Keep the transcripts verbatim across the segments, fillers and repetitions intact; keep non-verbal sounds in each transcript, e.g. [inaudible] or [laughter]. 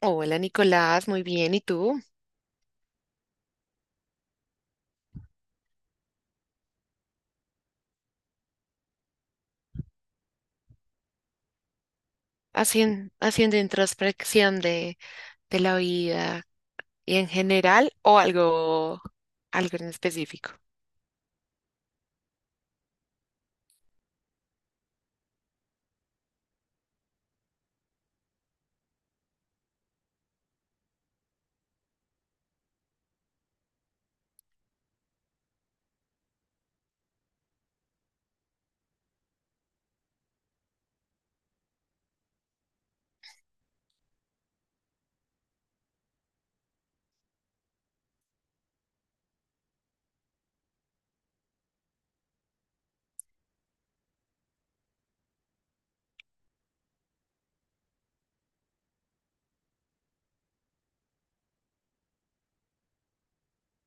Hola Nicolás, muy bien. ¿Y tú? ¿Hacien- haciendo introspección de, de la vida y en general o algo, algo en específico?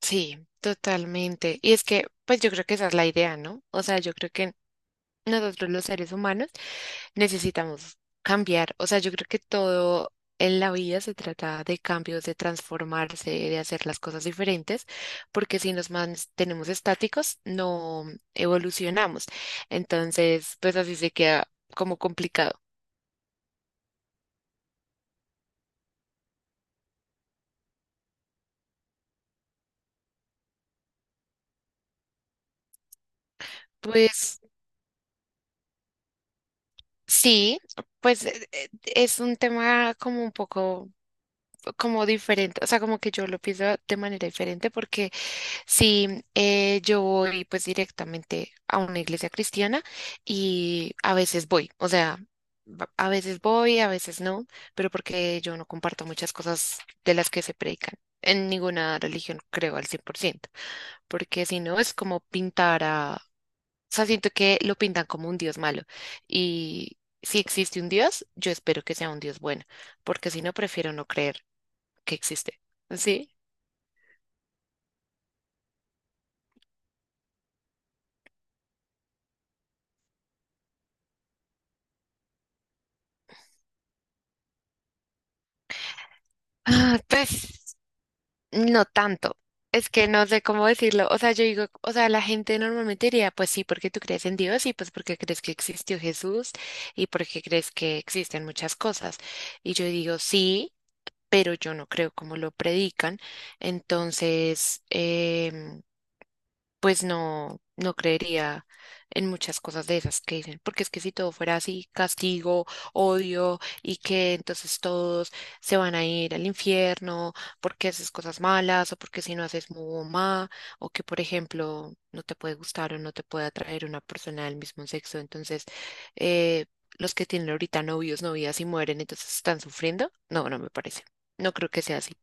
Sí, totalmente. Y es que, pues yo creo que esa es la idea, ¿no? O sea, yo creo que nosotros los seres humanos necesitamos cambiar. O sea, yo creo que todo en la vida se trata de cambios, de transformarse, de hacer las cosas diferentes, porque si nos mantenemos estáticos, no evolucionamos. Entonces, pues así se queda como complicado. Pues sí, pues eh, eh, es un tema como un poco como diferente, o sea, como que yo lo pienso de manera diferente porque sí, eh, yo voy pues directamente a una iglesia cristiana y a veces voy, o sea, va- a veces voy, a veces no, pero porque yo no comparto muchas cosas de las que se predican. En ninguna religión creo al cien por ciento, porque si no es como pintar a... O sea, siento que lo pintan como un Dios malo y si existe un Dios, yo espero que sea un Dios bueno, porque si no, prefiero no creer que existe. ¿Sí? Ah, pues. No tanto. Es que no sé cómo decirlo. O sea, yo digo, o sea, la gente normalmente diría, pues sí, porque tú crees en Dios y pues porque crees que existió Jesús y porque crees que existen muchas cosas. Y yo digo, sí, pero yo no creo como lo predican. Entonces, em, pues no, no creería en muchas cosas de esas que dicen, porque es que si todo fuera así, castigo, odio, y que entonces todos se van a ir al infierno porque haces cosas malas, o porque si no haces mu o ma, o que por ejemplo no te puede gustar o no te puede atraer una persona del mismo sexo, entonces eh, los que tienen ahorita novios, novias y mueren, entonces están sufriendo. No, no me parece. No creo que sea así.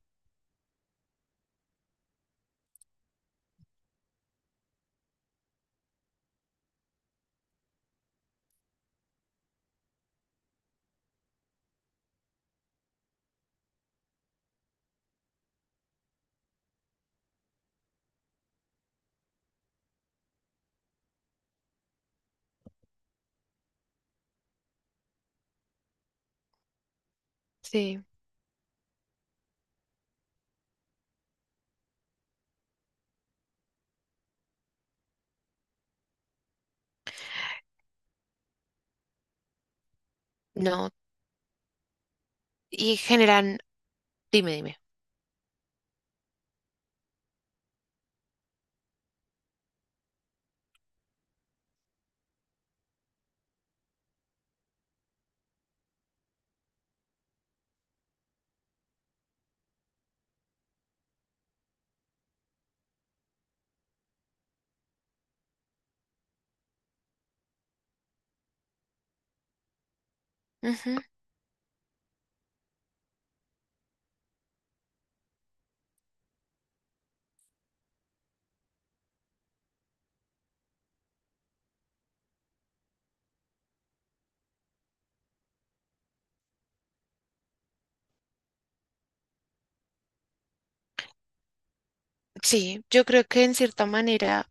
Sí. No, y generan, dime, dime. Sí, yo creo que en cierta manera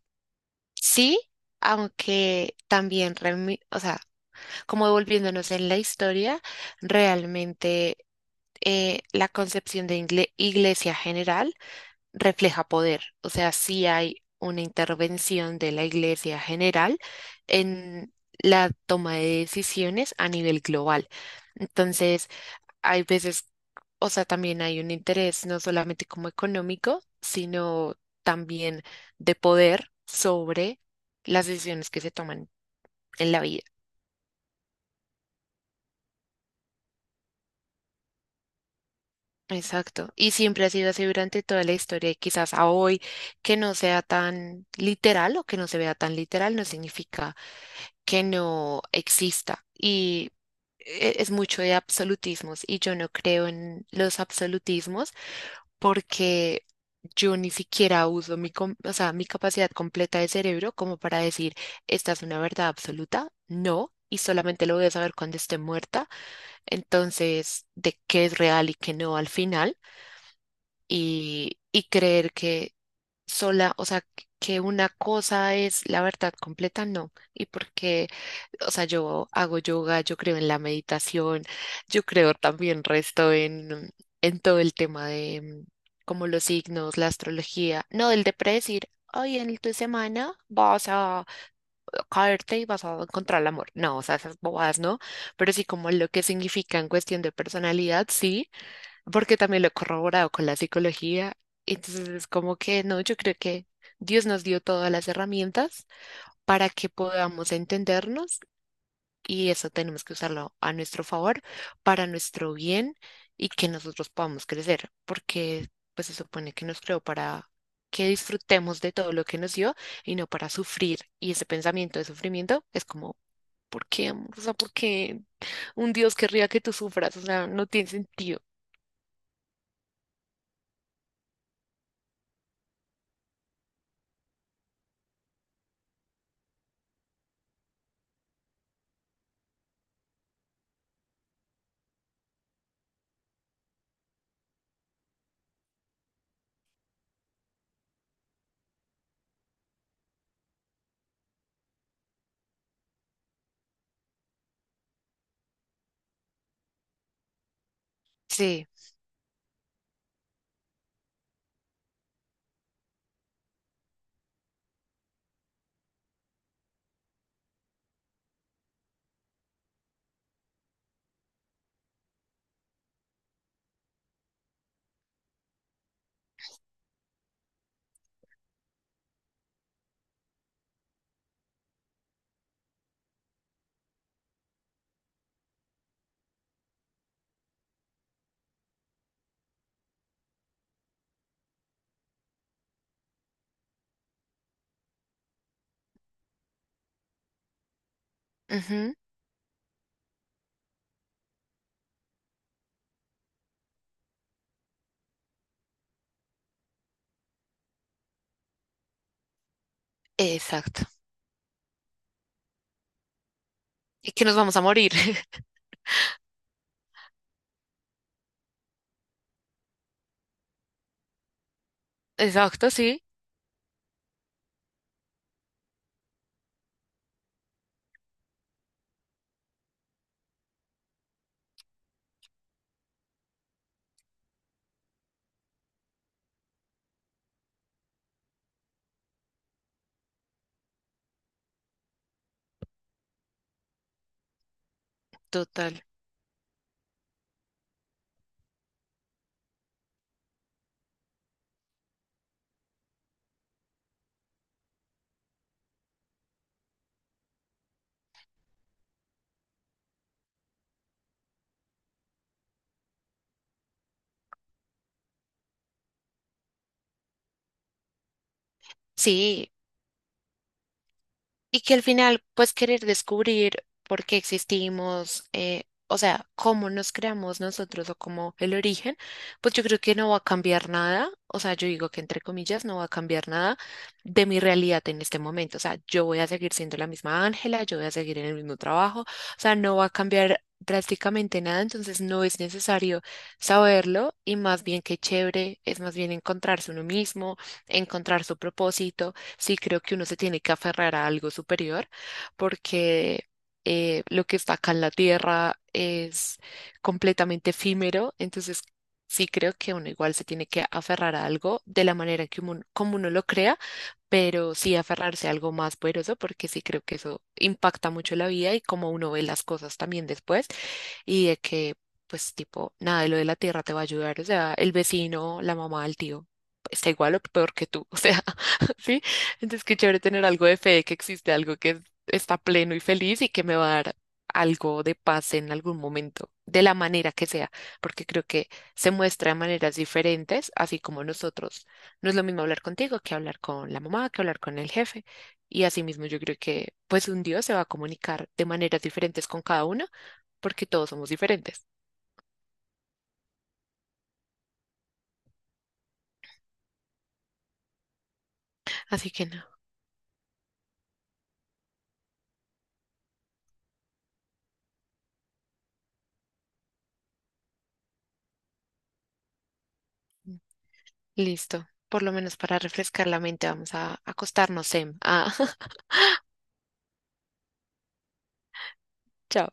sí, aunque también, remi- o sea, como volviéndonos en la historia, realmente eh, la concepción de ingle- iglesia general refleja poder, o sea, sí hay una intervención de la iglesia general en la toma de decisiones a nivel global. Entonces, hay veces, o sea, también hay un interés no solamente como económico, sino también de poder sobre las decisiones que se toman en la vida. Exacto. Y siempre ha sido así durante toda la historia y quizás a hoy que no sea tan literal o que no se vea tan literal no significa que no exista. Y e- es mucho de absolutismos y yo no creo en los absolutismos porque yo ni siquiera uso mi, com- o sea, mi capacidad completa de cerebro como para decir, esta es una verdad absoluta, no, y solamente lo voy a saber cuando esté muerta, entonces, de qué es real y qué no al final, y, y creer que sola, o sea, que una cosa es la verdad completa, no, y porque o sea, yo hago yoga, yo creo en la meditación, yo creo también resto en, en todo el tema de mm, como los signos, la astrología, no del de predecir, hoy en tu semana vas a caerte y vas a encontrar el amor. No, o sea, esas bobadas no, pero sí como lo que significa en cuestión de personalidad, sí, porque también lo he corroborado con la psicología. Entonces es como que no, yo creo que Dios nos dio todas las herramientas para que podamos entendernos y eso tenemos que usarlo a nuestro favor, para nuestro bien y que nosotros podamos crecer, porque pues se supone que nos creó para que disfrutemos de todo lo que nos dio y no para sufrir. Y ese pensamiento de sufrimiento es como, ¿por qué, amor? O sea, ¿por qué un Dios querría que tú sufras? O sea, no tiene sentido. Sí, ujú. Exacto. Y que nos vamos a morir. [laughs] Exacto, sí, total. Sí, y que al final, pues querer descubrir por qué existimos, eh, o sea, cómo nos creamos nosotros o cómo el origen, pues yo creo que no va a cambiar nada, o sea, yo digo que entre comillas no va a cambiar nada de mi realidad en este momento, o sea, yo voy a seguir siendo la misma Ángela, yo voy a seguir en el mismo trabajo, o sea, no va a cambiar drásticamente nada, entonces no es necesario saberlo y más bien que chévere, es más bien encontrarse uno mismo, encontrar su propósito. Sí creo que uno se tiene que aferrar a algo superior porque eh, lo que está acá en la tierra es completamente efímero, entonces sí creo que uno igual se tiene que aferrar a algo de la manera que uno, como uno lo crea, pero sí aferrarse a algo más poderoso porque sí creo que eso impacta mucho la vida y cómo uno ve las cosas también después y de que pues tipo nada de lo de la tierra te va a ayudar, o sea, el vecino, la mamá, el tío está igual o peor que tú, [laughs] o sea, [laughs] sí, entonces, qué chévere tener algo de fe de que existe algo que está pleno y feliz y que me va a dar algo de paz en algún momento, de la manera que sea, porque creo que se muestra de maneras diferentes, así como nosotros. No es lo mismo hablar contigo que hablar con la mamá, que hablar con el jefe. Y asimismo, yo creo que pues un Dios se va a comunicar de maneras diferentes con cada uno, porque todos somos diferentes. Así que no, listo. Por lo menos para refrescar la mente, vamos a acostarnos, Sem. Ah, [laughs] chao.